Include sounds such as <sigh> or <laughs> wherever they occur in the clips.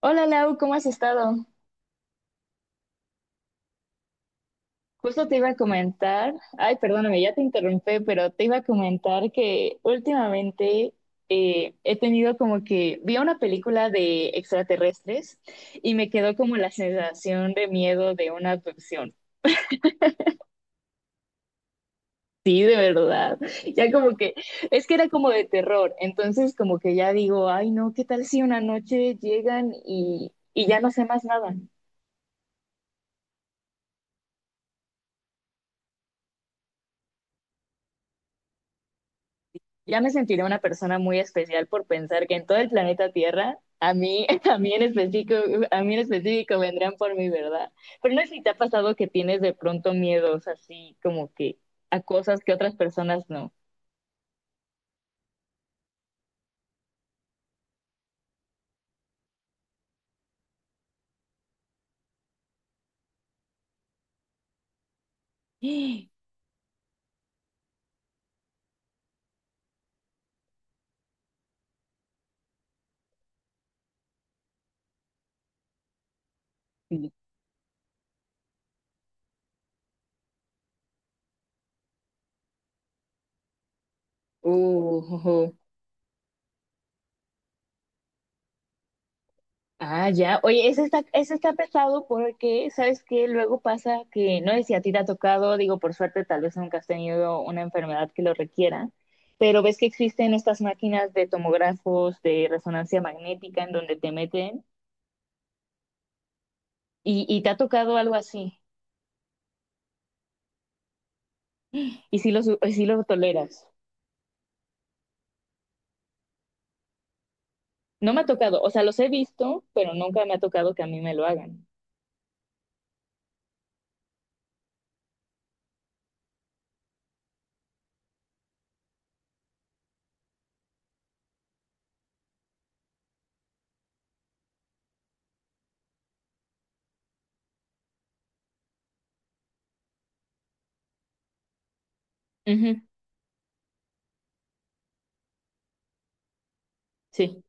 Hola Lau, ¿cómo has estado? Justo te iba a comentar, ay, perdóname, ya te interrumpí, pero te iba a comentar que últimamente he tenido como que vi una película de extraterrestres y me quedó como la sensación de miedo de una abducción. Sí, de verdad. Ya como que, es que era como de terror, entonces como que ya digo, ay no, ¿qué tal si una noche llegan y ya no sé más nada? Ya me sentiré una persona muy especial por pensar que en todo el planeta Tierra, a mí, <laughs> a mí en específico, a mí en específico vendrán por mi, ¿verdad? Pero no sé si te ha pasado que tienes de pronto miedos así como que a cosas que otras personas no. <gasps> Sí. Uh, ah, ya. Oye, ese está pesado porque, ¿sabes qué? Luego pasa que, no sé si a ti te ha tocado, digo, por suerte, tal vez nunca has tenido una enfermedad que lo requiera, pero ves que existen estas máquinas de tomógrafos de resonancia magnética en donde te meten y te ha tocado algo así y si lo, y sí lo toleras. No me ha tocado, o sea, los he visto, pero nunca me ha tocado que a mí me lo hagan. Ujú, sí.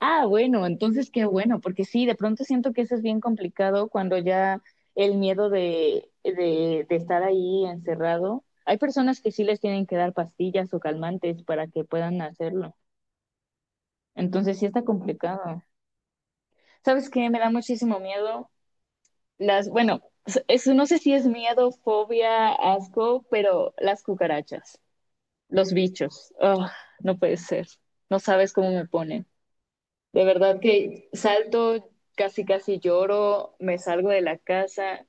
Ah, bueno, entonces qué bueno, porque sí, de pronto siento que eso es bien complicado cuando ya el miedo de estar ahí encerrado. Hay personas que sí les tienen que dar pastillas o calmantes para que puedan hacerlo. Entonces sí está complicado. ¿Sabes qué? Me da muchísimo miedo las, bueno, eso no sé si es miedo, fobia, asco, pero las cucarachas, los bichos. Ugh, no puede ser. No sabes cómo me ponen. De verdad que salto, casi casi lloro, me salgo de la casa.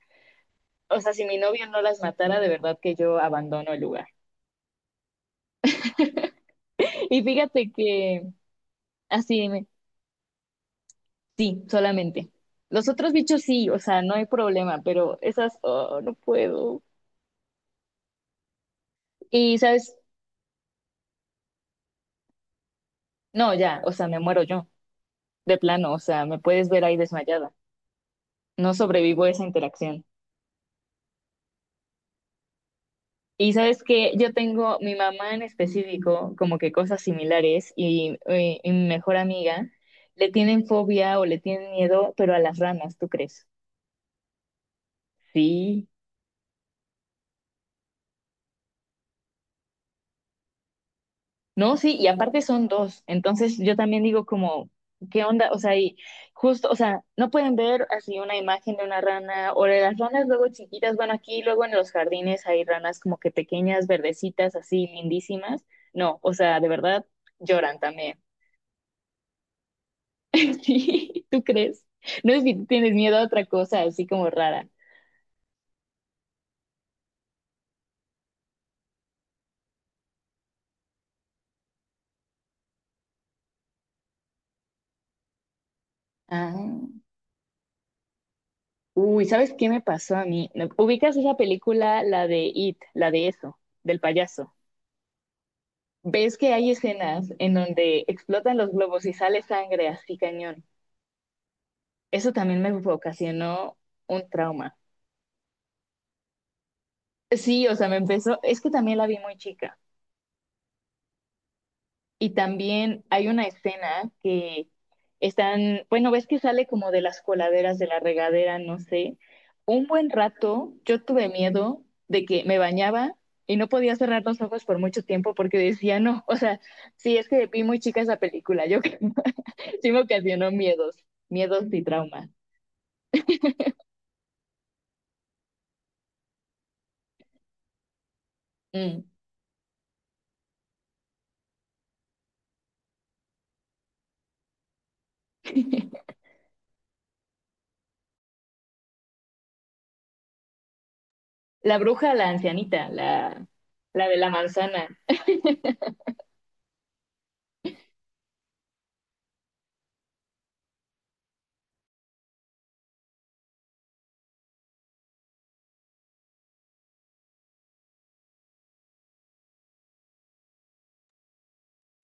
O sea, si mi novio no las matara, de verdad que yo abandono el lugar. Y fíjate que así, sí, solamente. Los otros bichos sí, o sea, no hay problema, pero esas, oh, no puedo. Y sabes, no, ya, o sea, me muero yo, de plano, o sea, me puedes ver ahí desmayada. No sobrevivo a esa interacción. Y sabes que yo tengo mi mamá en específico, como que cosas similares, y mi mejor amiga le tienen fobia o le tienen miedo, pero a las ranas, ¿tú crees? Sí, no, sí, y aparte son dos. Entonces yo también digo como, ¿qué onda? O sea, y justo, o sea, no pueden ver así una imagen de una rana o de las ranas luego chiquitas. Bueno, aquí luego en los jardines hay ranas como que pequeñas, verdecitas, así lindísimas. No, o sea, de verdad lloran también. <laughs> Sí, ¿tú crees? No sé si tú tienes miedo a otra cosa así como rara. Ah. Uy, ¿sabes qué me pasó a mí? No, ¿ubicas esa película, la de It, la de eso, del payaso? ¿Ves que hay escenas en donde explotan los globos y sale sangre así cañón? Eso también me ocasionó un trauma. Sí, o sea, me empezó, es que también la vi muy chica. Y también hay una escena que están, bueno, ves que sale como de las coladeras de la regadera, no sé. Un buen rato yo tuve miedo de que me bañaba y no podía cerrar los ojos por mucho tiempo porque decía, no, o sea, sí, es que vi muy chica esa película, <laughs> sí me ocasionó miedos, miedos y traumas. Mm. La bruja, la ancianita, la de la manzana.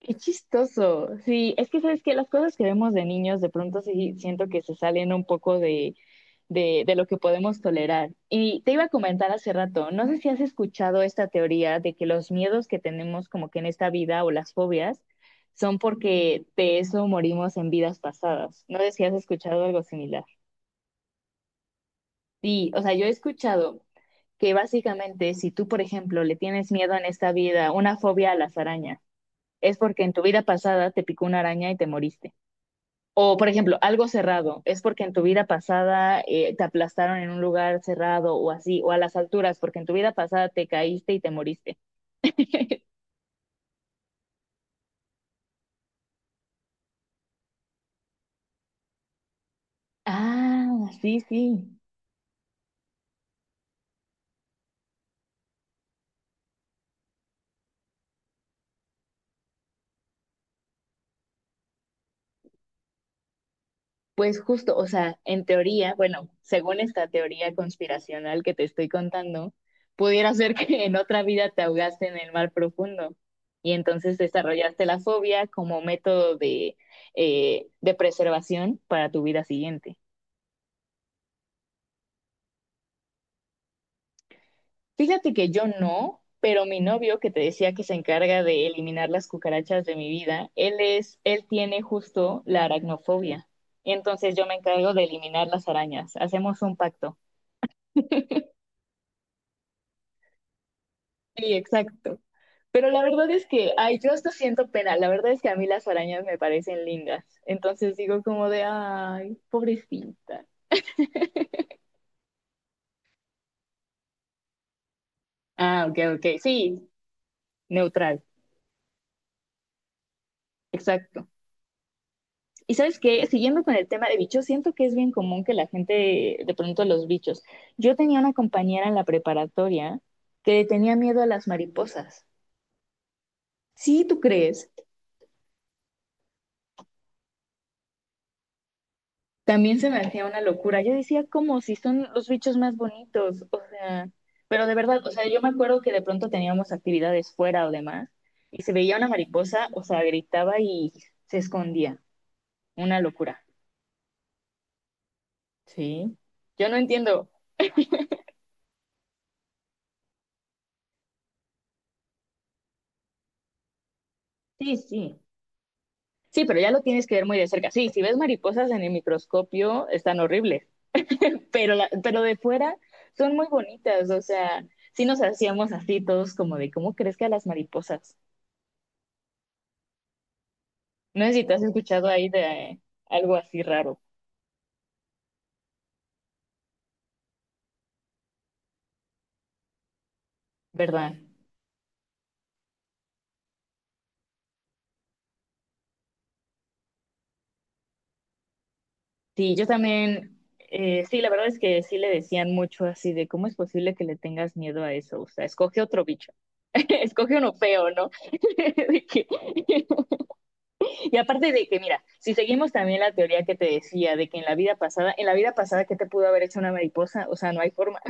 Qué chistoso. Sí, es que sabes que las cosas que vemos de niños de pronto sí siento que se salen un poco de, de lo que podemos tolerar. Y te iba a comentar hace rato, no sé si has escuchado esta teoría de que los miedos que tenemos como que en esta vida o las fobias son porque de eso morimos en vidas pasadas. No sé si has escuchado algo similar. Sí, o sea, yo he escuchado que básicamente si tú, por ejemplo, le tienes miedo en esta vida, una fobia a las arañas, es porque en tu vida pasada te picó una araña y te moriste. O, por ejemplo, algo cerrado, es porque en tu vida pasada te aplastaron en un lugar cerrado o así, o a las alturas, porque en tu vida pasada te caíste y te moriste. <laughs> Ah, sí, sí. Pues justo, o sea, en teoría, bueno, según esta teoría conspiracional que te estoy contando, pudiera ser <laughs> que en otra vida te ahogaste en el mar profundo y entonces desarrollaste la fobia como método de preservación para tu vida siguiente. Fíjate que yo no, pero mi novio que te decía que se encarga de eliminar las cucarachas de mi vida, él es, él tiene justo la aracnofobia. Entonces yo me encargo de eliminar las arañas. Hacemos un pacto. Sí, exacto. Pero la verdad es que, ay, yo hasta siento pena. La verdad es que a mí las arañas me parecen lindas. Entonces digo como de, ay, pobrecita. Ah, ok, ok. Sí, neutral. Exacto. Y sabes que, siguiendo con el tema de bichos, siento que es bien común que la gente de pronto los bichos. Yo tenía una compañera en la preparatoria que le tenía miedo a las mariposas. Sí, tú crees. También se me hacía una locura. Yo decía, como si son los bichos más bonitos, o sea, pero de verdad, o sea, yo me acuerdo que de pronto teníamos actividades fuera o demás, y se veía una mariposa, o sea, gritaba y se escondía. Una locura. Sí. Yo no entiendo. Sí, sí. Sí, pero ya lo tienes que ver muy de cerca. Sí, si ves mariposas en el microscopio, están horribles, pero, la, pero de fuera son muy bonitas, o sea, sí nos hacíamos así todos como de cómo crees que a las mariposas. No sé si te has escuchado ahí de eh, algo así raro, ¿verdad? Sí, yo también, sí, la verdad es que sí le decían mucho así de cómo es posible que le tengas miedo a eso, o sea, escoge otro bicho, <laughs> escoge uno feo, ¿no? <laughs> De que- <laughs> Y aparte de que, mira, si seguimos también la teoría que te decía de que en la vida pasada, en la vida pasada, ¿qué te pudo haber hecho una mariposa? O sea, no hay forma.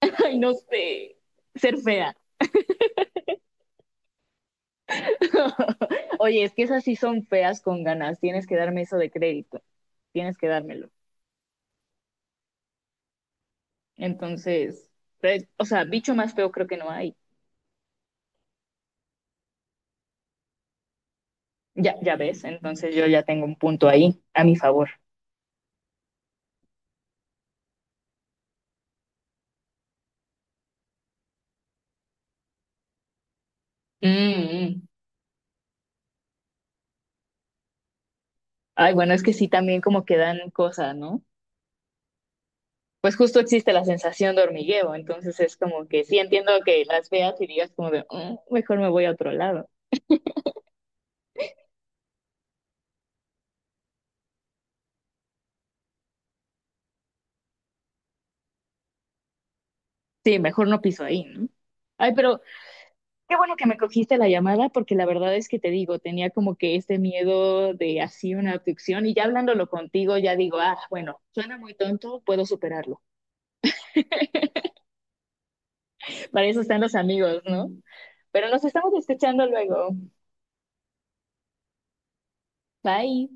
<laughs> Ay, no sé. Ser fea. <laughs> Oye, es que esas sí son feas con ganas. Tienes que darme eso de crédito. Tienes que dármelo. Entonces, pues, o sea, bicho más feo creo que no hay. Ya, ya ves. Entonces yo ya tengo un punto ahí a mi favor. Mm, mm. Ay, bueno, es que sí también como que dan cosas, ¿no? Pues justo existe la sensación de hormigueo, entonces es como que sí entiendo que las veas y digas como de, "Mm, mejor me voy a otro lado". Sí, mejor no piso ahí, ¿no? Ay, pero qué bueno que me cogiste la llamada porque la verdad es que te digo, tenía como que este miedo de así una abducción y ya hablándolo contigo ya digo, ah, bueno, suena muy tonto, puedo superarlo. Para eso están los amigos, ¿no? Pero nos estamos escuchando luego. Bye.